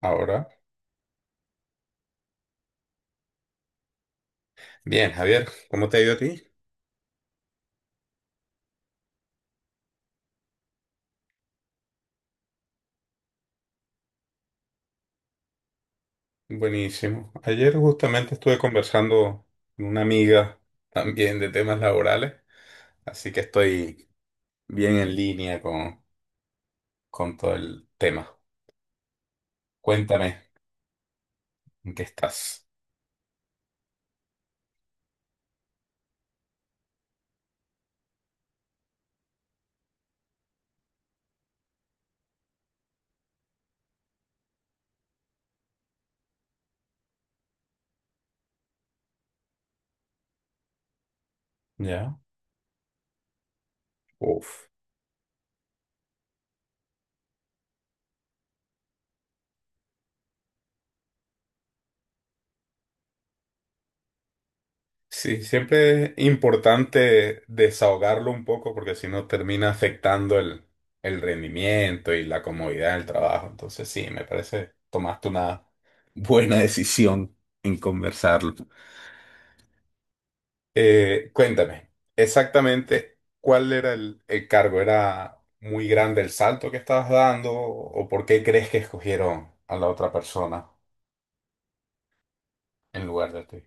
Ahora, bien, Javier, ¿cómo te ha ido a ti? Buenísimo. Ayer justamente estuve conversando con una amiga también de temas laborales, así que estoy bien en línea con todo el tema. Cuéntame, ¿en qué estás? ¿Ya? Uf. Sí, siempre es importante desahogarlo un poco porque si no termina afectando el rendimiento y la comodidad del trabajo. Entonces sí, me parece tomaste una buena decisión en conversarlo. Cuéntame, exactamente cuál era el cargo. ¿Era muy grande el salto que estabas dando o por qué crees que escogieron a la otra persona en lugar de ti?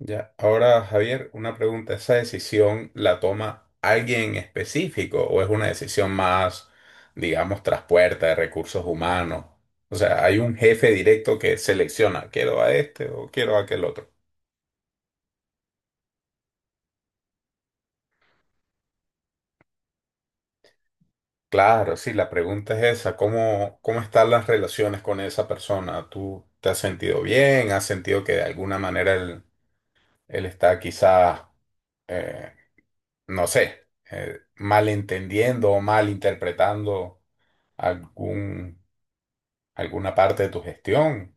Ya, ahora Javier, una pregunta. ¿Esa decisión la toma alguien en específico o es una decisión más, digamos, tras puerta de recursos humanos? O sea, ¿hay un jefe directo que selecciona, quiero a este o quiero a aquel otro? Claro, sí, la pregunta es esa. ¿Cómo están las relaciones con esa persona? ¿Tú te has sentido bien? ¿Has sentido que de alguna manera él está quizás, eh, no sé, malentendiendo o malinterpretando algún, alguna parte de tu gestión?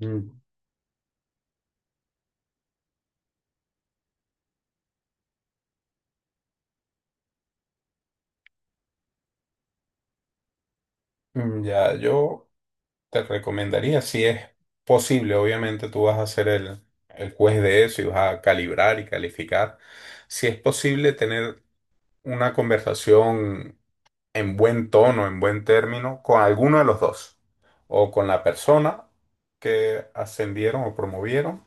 Mm, Ya yo te recomendaría, si es posible, obviamente tú vas a ser el juez de eso y vas a calibrar y calificar, si es posible tener una conversación en buen tono, en buen término, con alguno de los dos, o con la persona que ascendieron o promovieron,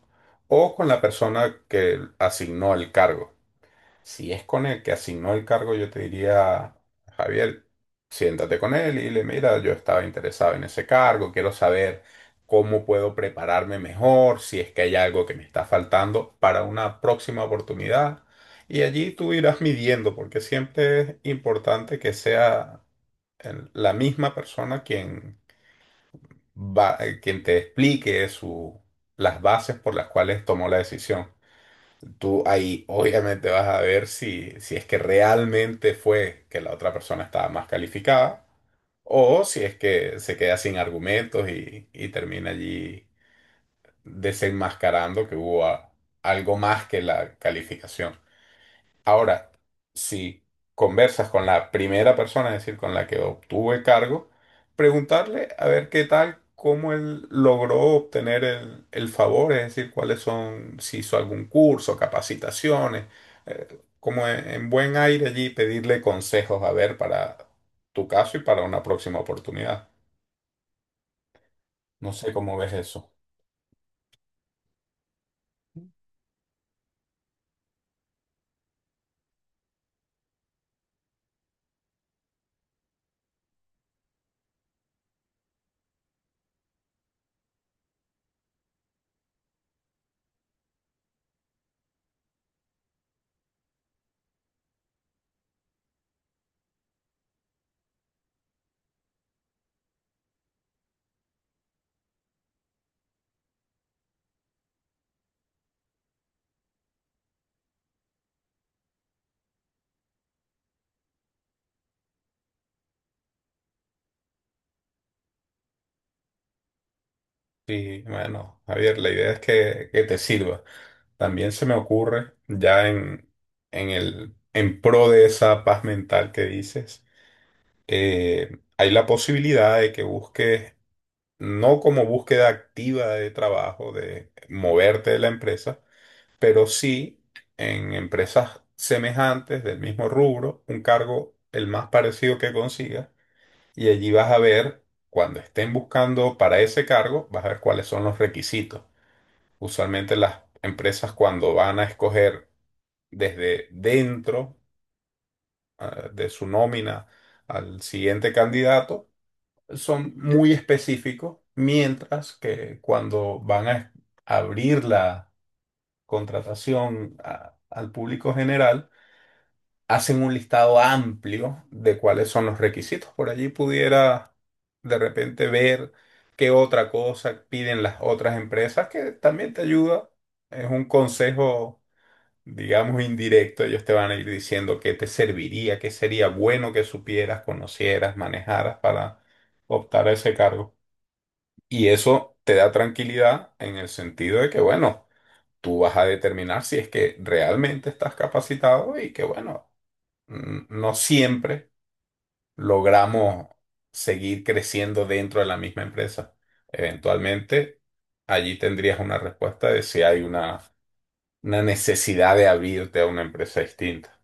o con la persona que asignó el cargo. Si es con el que asignó el cargo, yo te diría, Javier, siéntate con él y dile, mira, yo estaba interesado en ese cargo, quiero saber cómo puedo prepararme mejor, si es que hay algo que me está faltando para una próxima oportunidad. Y allí tú irás midiendo, porque siempre es importante que sea la misma persona quien va, quien te explique las bases por las cuales tomó la decisión. Tú ahí obviamente vas a ver si es que realmente fue que la otra persona estaba más calificada, o si es que se queda sin argumentos y termina allí desenmascarando que hubo algo más que la calificación. Ahora, si conversas con la primera persona, es decir, con la que obtuvo el cargo, preguntarle a ver qué tal, cómo él logró obtener el favor, es decir, cuáles son, si hizo algún curso, capacitaciones, eh, como en buen aire allí, pedirle consejos a ver para tu caso y para una próxima oportunidad. No sé cómo ves eso. Sí, bueno, Javier, la idea es que te sirva. También se me ocurre, ya en en pro de esa paz mental que dices, hay la posibilidad de que busques, no como búsqueda activa de trabajo, de moverte de la empresa, pero sí en empresas semejantes del mismo rubro, un cargo el más parecido que consigas, y allí vas a ver, cuando estén buscando para ese cargo, vas a ver cuáles son los requisitos. Usualmente las empresas cuando van a escoger desde dentro ah, de su nómina al siguiente candidato son muy específicos, mientras que cuando van a abrir la contratación al público general, hacen un listado amplio de cuáles son los requisitos. Por allí pudiera de repente ver qué otra cosa piden las otras empresas, que también te ayuda. Es un consejo digamos, indirecto, ellos te van a ir diciendo qué te serviría, qué sería bueno que supieras, conocieras, manejaras para optar a ese cargo. Y eso te da tranquilidad en el sentido de que, bueno, tú vas a determinar si es que realmente estás capacitado y que, bueno, no siempre logramos seguir creciendo dentro de la misma empresa. Eventualmente, allí tendrías una respuesta de si hay una necesidad de abrirte a una empresa distinta.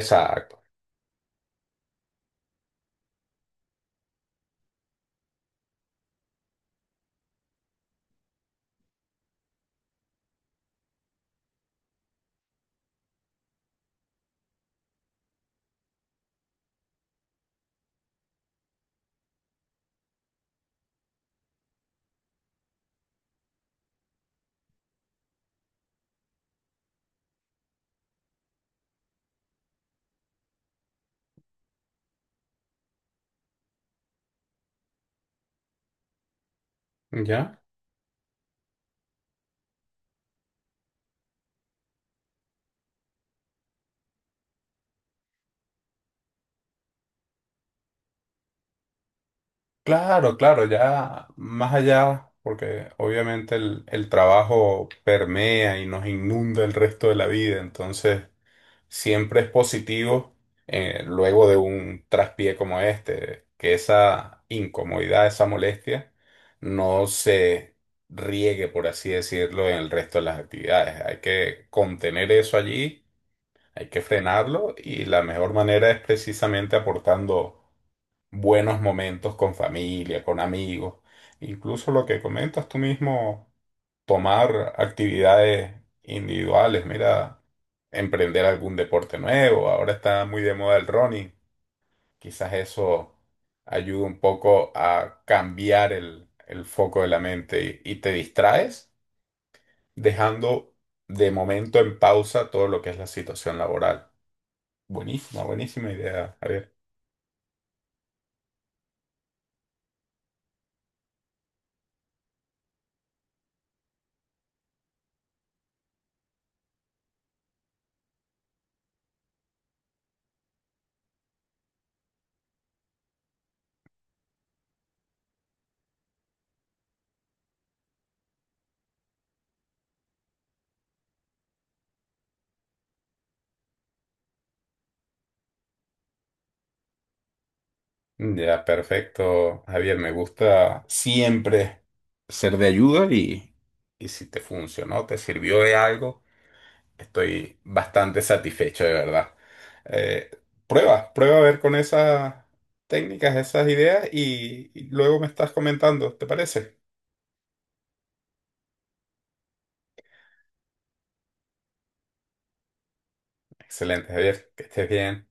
Exacto. ¿Ya? Claro, claro, ya más allá, porque obviamente el trabajo permea y nos inunda el resto de la vida, entonces siempre es positivo luego de un traspié como este, que esa incomodidad, esa molestia, no se riegue, por así decirlo, en el resto de las actividades. Hay que contener eso allí, hay que frenarlo y la mejor manera es precisamente aportando buenos momentos con familia, con amigos, incluso lo que comentas tú mismo, tomar actividades individuales, mira, emprender algún deporte nuevo, ahora está muy de moda el running, quizás eso ayuda un poco a cambiar el foco de la mente y te distraes dejando de momento en pausa todo lo que es la situación laboral. Buenísima, buenísima idea, Ariel. Ya, perfecto, Javier. Me gusta siempre ser de ayuda y si te funcionó, te sirvió de algo, estoy bastante satisfecho de verdad. Eh, Prueba, prueba a ver con esas técnicas, esas ideas y luego me estás comentando, ¿te parece? Excelente, Javier, que estés bien.